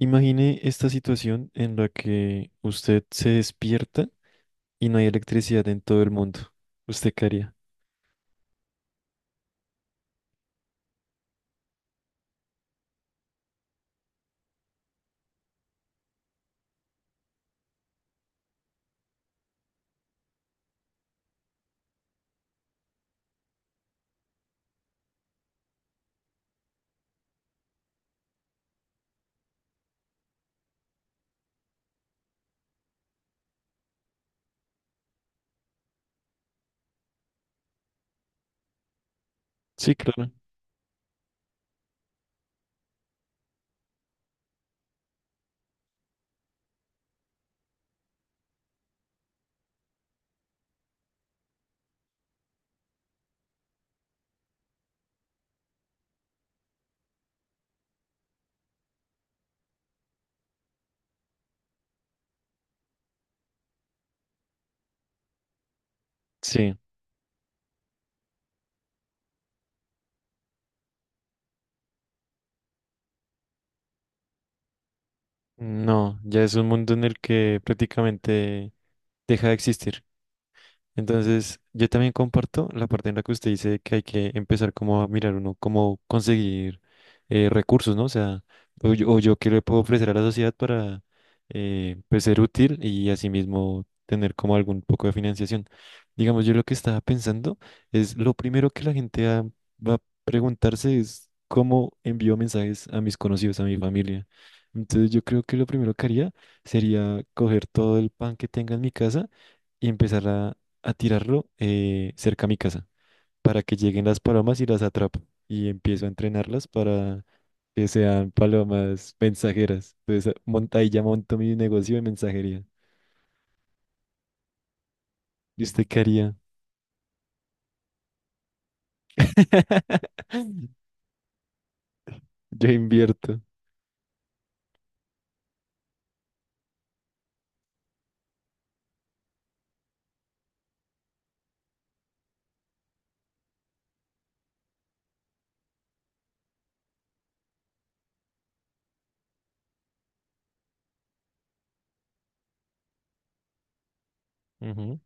Imagine esta situación en la que usted se despierta y no hay electricidad en todo el mundo. ¿Usted qué haría? Sí, claro. Sí. No, ya es un mundo en el que prácticamente deja de existir. Entonces, yo también comparto la parte en la que usted dice que hay que empezar como a mirar uno cómo conseguir recursos, ¿no? O sea, o yo qué le puedo ofrecer a la sociedad para pues, ser útil y asimismo tener como algún poco de financiación. Digamos, yo lo que estaba pensando es lo primero que va a preguntarse es cómo envío mensajes a mis conocidos, a mi familia. Entonces, yo creo que lo primero que haría sería coger todo el pan que tenga en mi casa y empezar a tirarlo cerca a mi casa para que lleguen las palomas y las atrapo. Y empiezo a entrenarlas para que sean palomas mensajeras. Entonces, ahí ya monto mi negocio de mensajería. ¿Y usted qué haría? Yo invierto. Ujú.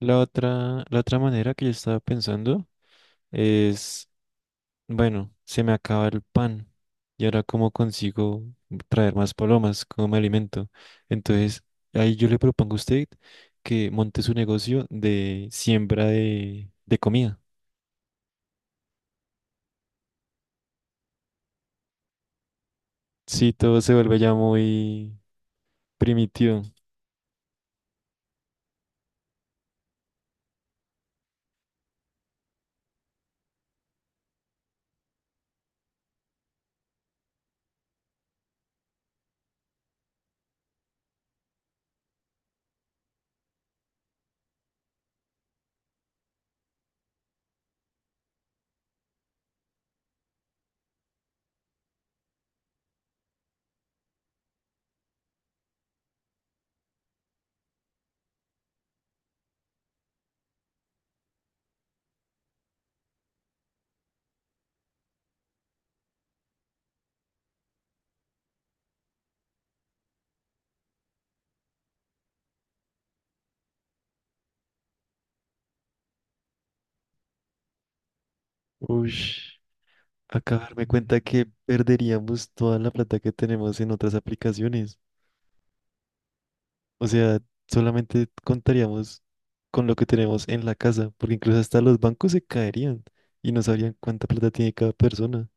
La otra manera que yo estaba pensando es bueno, se me acaba el pan. ¿Y ahora cómo consigo traer más palomas? ¿Cómo me alimento? Entonces, ahí yo le propongo a usted que monte su negocio de siembra de comida. Sí, todo se vuelve ya muy primitivo. Ush, acá darme cuenta que perderíamos toda la plata que tenemos en otras aplicaciones. O sea, solamente contaríamos con lo que tenemos en la casa, porque incluso hasta los bancos se caerían y no sabrían cuánta plata tiene cada persona.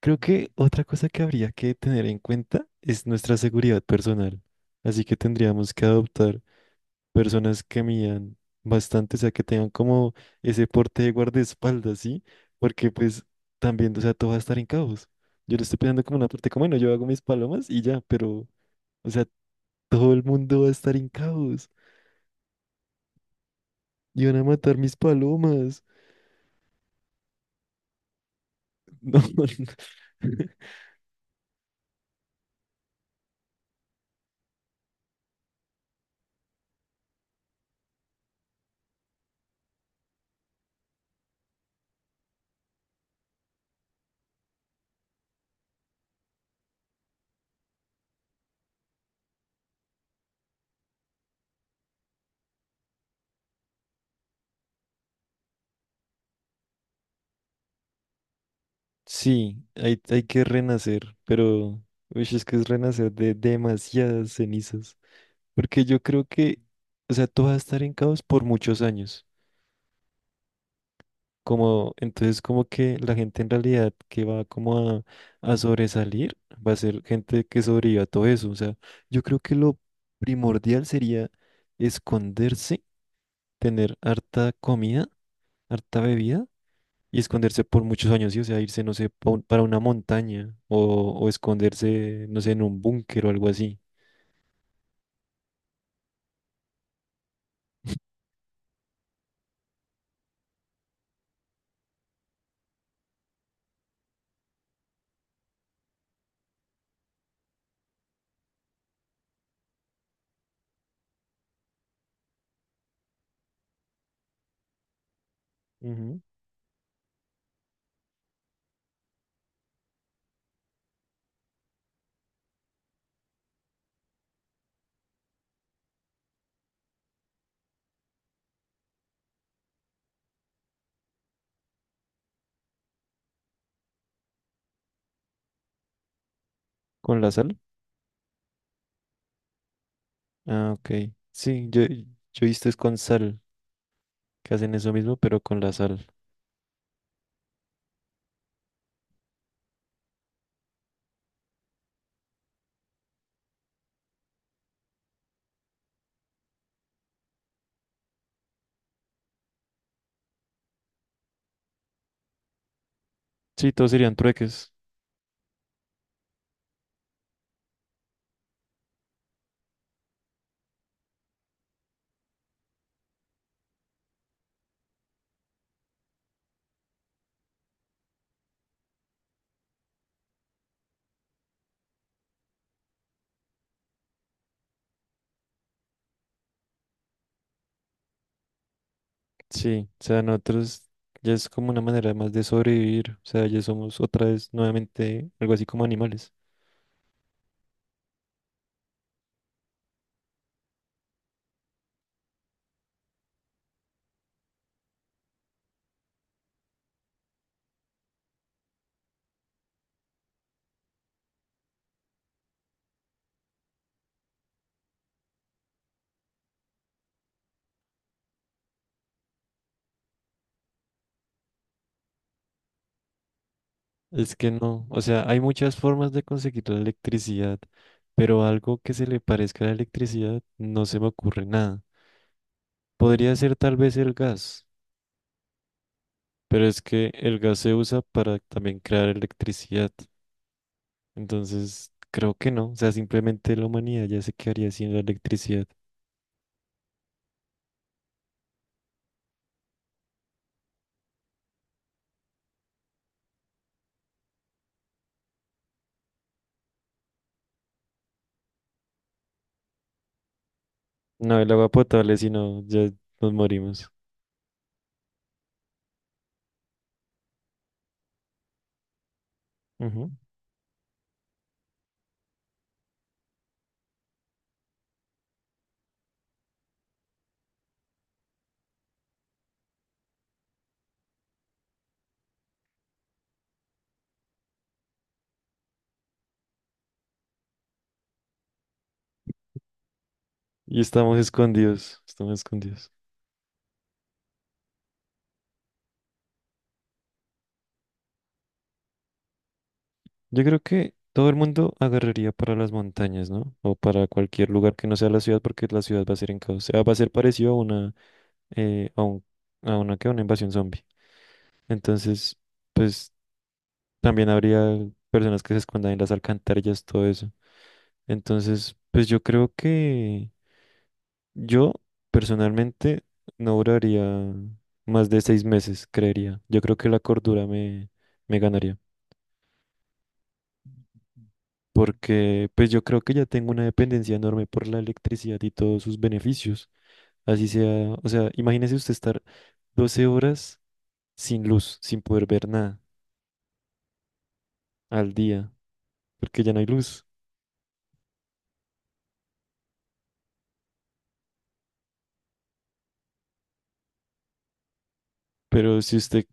Creo que otra cosa que habría que tener en cuenta es nuestra seguridad personal. Así que tendríamos que adoptar personas que midan bastante, o sea, que tengan como ese porte de guardaespaldas, ¿sí? Porque pues también, o sea, todo va a estar en caos. Yo lo estoy pensando como una parte como, bueno, yo hago mis palomas y ya, pero, o sea, todo el mundo va a estar en caos. Iban a matar mis palomas. No, no. Sí, hay que renacer, pero uy, es que es renacer de demasiadas cenizas. Porque yo creo que, o sea, todo va a estar en caos por muchos años. Como, entonces, como que la gente en realidad que va como a sobresalir, va a ser gente que sobreviva a todo eso. O sea, yo creo que lo primordial sería esconderse, tener harta comida, harta bebida y esconderse por muchos años, ¿sí? O sea, irse, no sé, para una montaña o esconderse, no sé, en un búnker o algo así. Ujú. ¿Con la sal? Ah, ok. Sí, yo he visto es con sal, que hacen eso mismo, pero con la sal. Sí, todos serían trueques. Sí, o sea, nosotros ya es como una manera más de sobrevivir. O sea, ya somos otra vez nuevamente algo así como animales. Es que no, o sea, hay muchas formas de conseguir la electricidad, pero algo que se le parezca a la electricidad no se me ocurre nada. Podría ser tal vez el gas, pero es que el gas se usa para también crear electricidad. Entonces, creo que no. O sea, simplemente la humanidad ya se quedaría sin la electricidad. No el agua potable, sino ya nos morimos. Ujú. Y estamos escondidos, estamos escondidos. Yo creo que todo el mundo agarraría para las montañas, ¿no? O para cualquier lugar que no sea la ciudad, porque la ciudad va a ser en caos. O sea, va a ser parecido a una, eh, a un, a una, ¿qué? Una invasión zombie. Entonces, pues... También habría personas que se escondan en las alcantarillas, todo eso. Entonces, pues yo creo que yo personalmente no duraría más de 6 meses, creería. Yo creo que la cordura me ganaría. Porque pues yo creo que ya tengo una dependencia enorme por la electricidad y todos sus beneficios. Así sea, o sea, imagínese usted estar 12 horas sin luz, sin poder ver nada al día, porque ya no hay luz. Pero si usted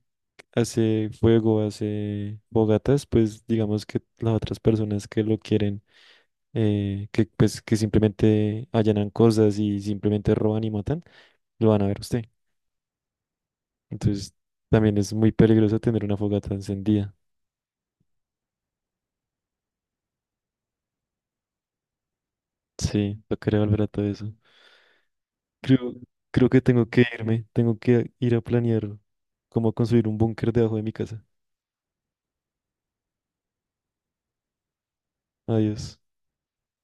hace fuego, hace fogatas pues digamos que las otras personas que lo quieren, que pues que simplemente allanan cosas y simplemente roban y matan, lo van a ver a usted. Entonces también es muy peligroso tener una fogata encendida. Sí, no quería volver a todo eso. Creo, creo que tengo que irme, tengo que ir a planear cómo construir un búnker debajo de mi casa. Adiós.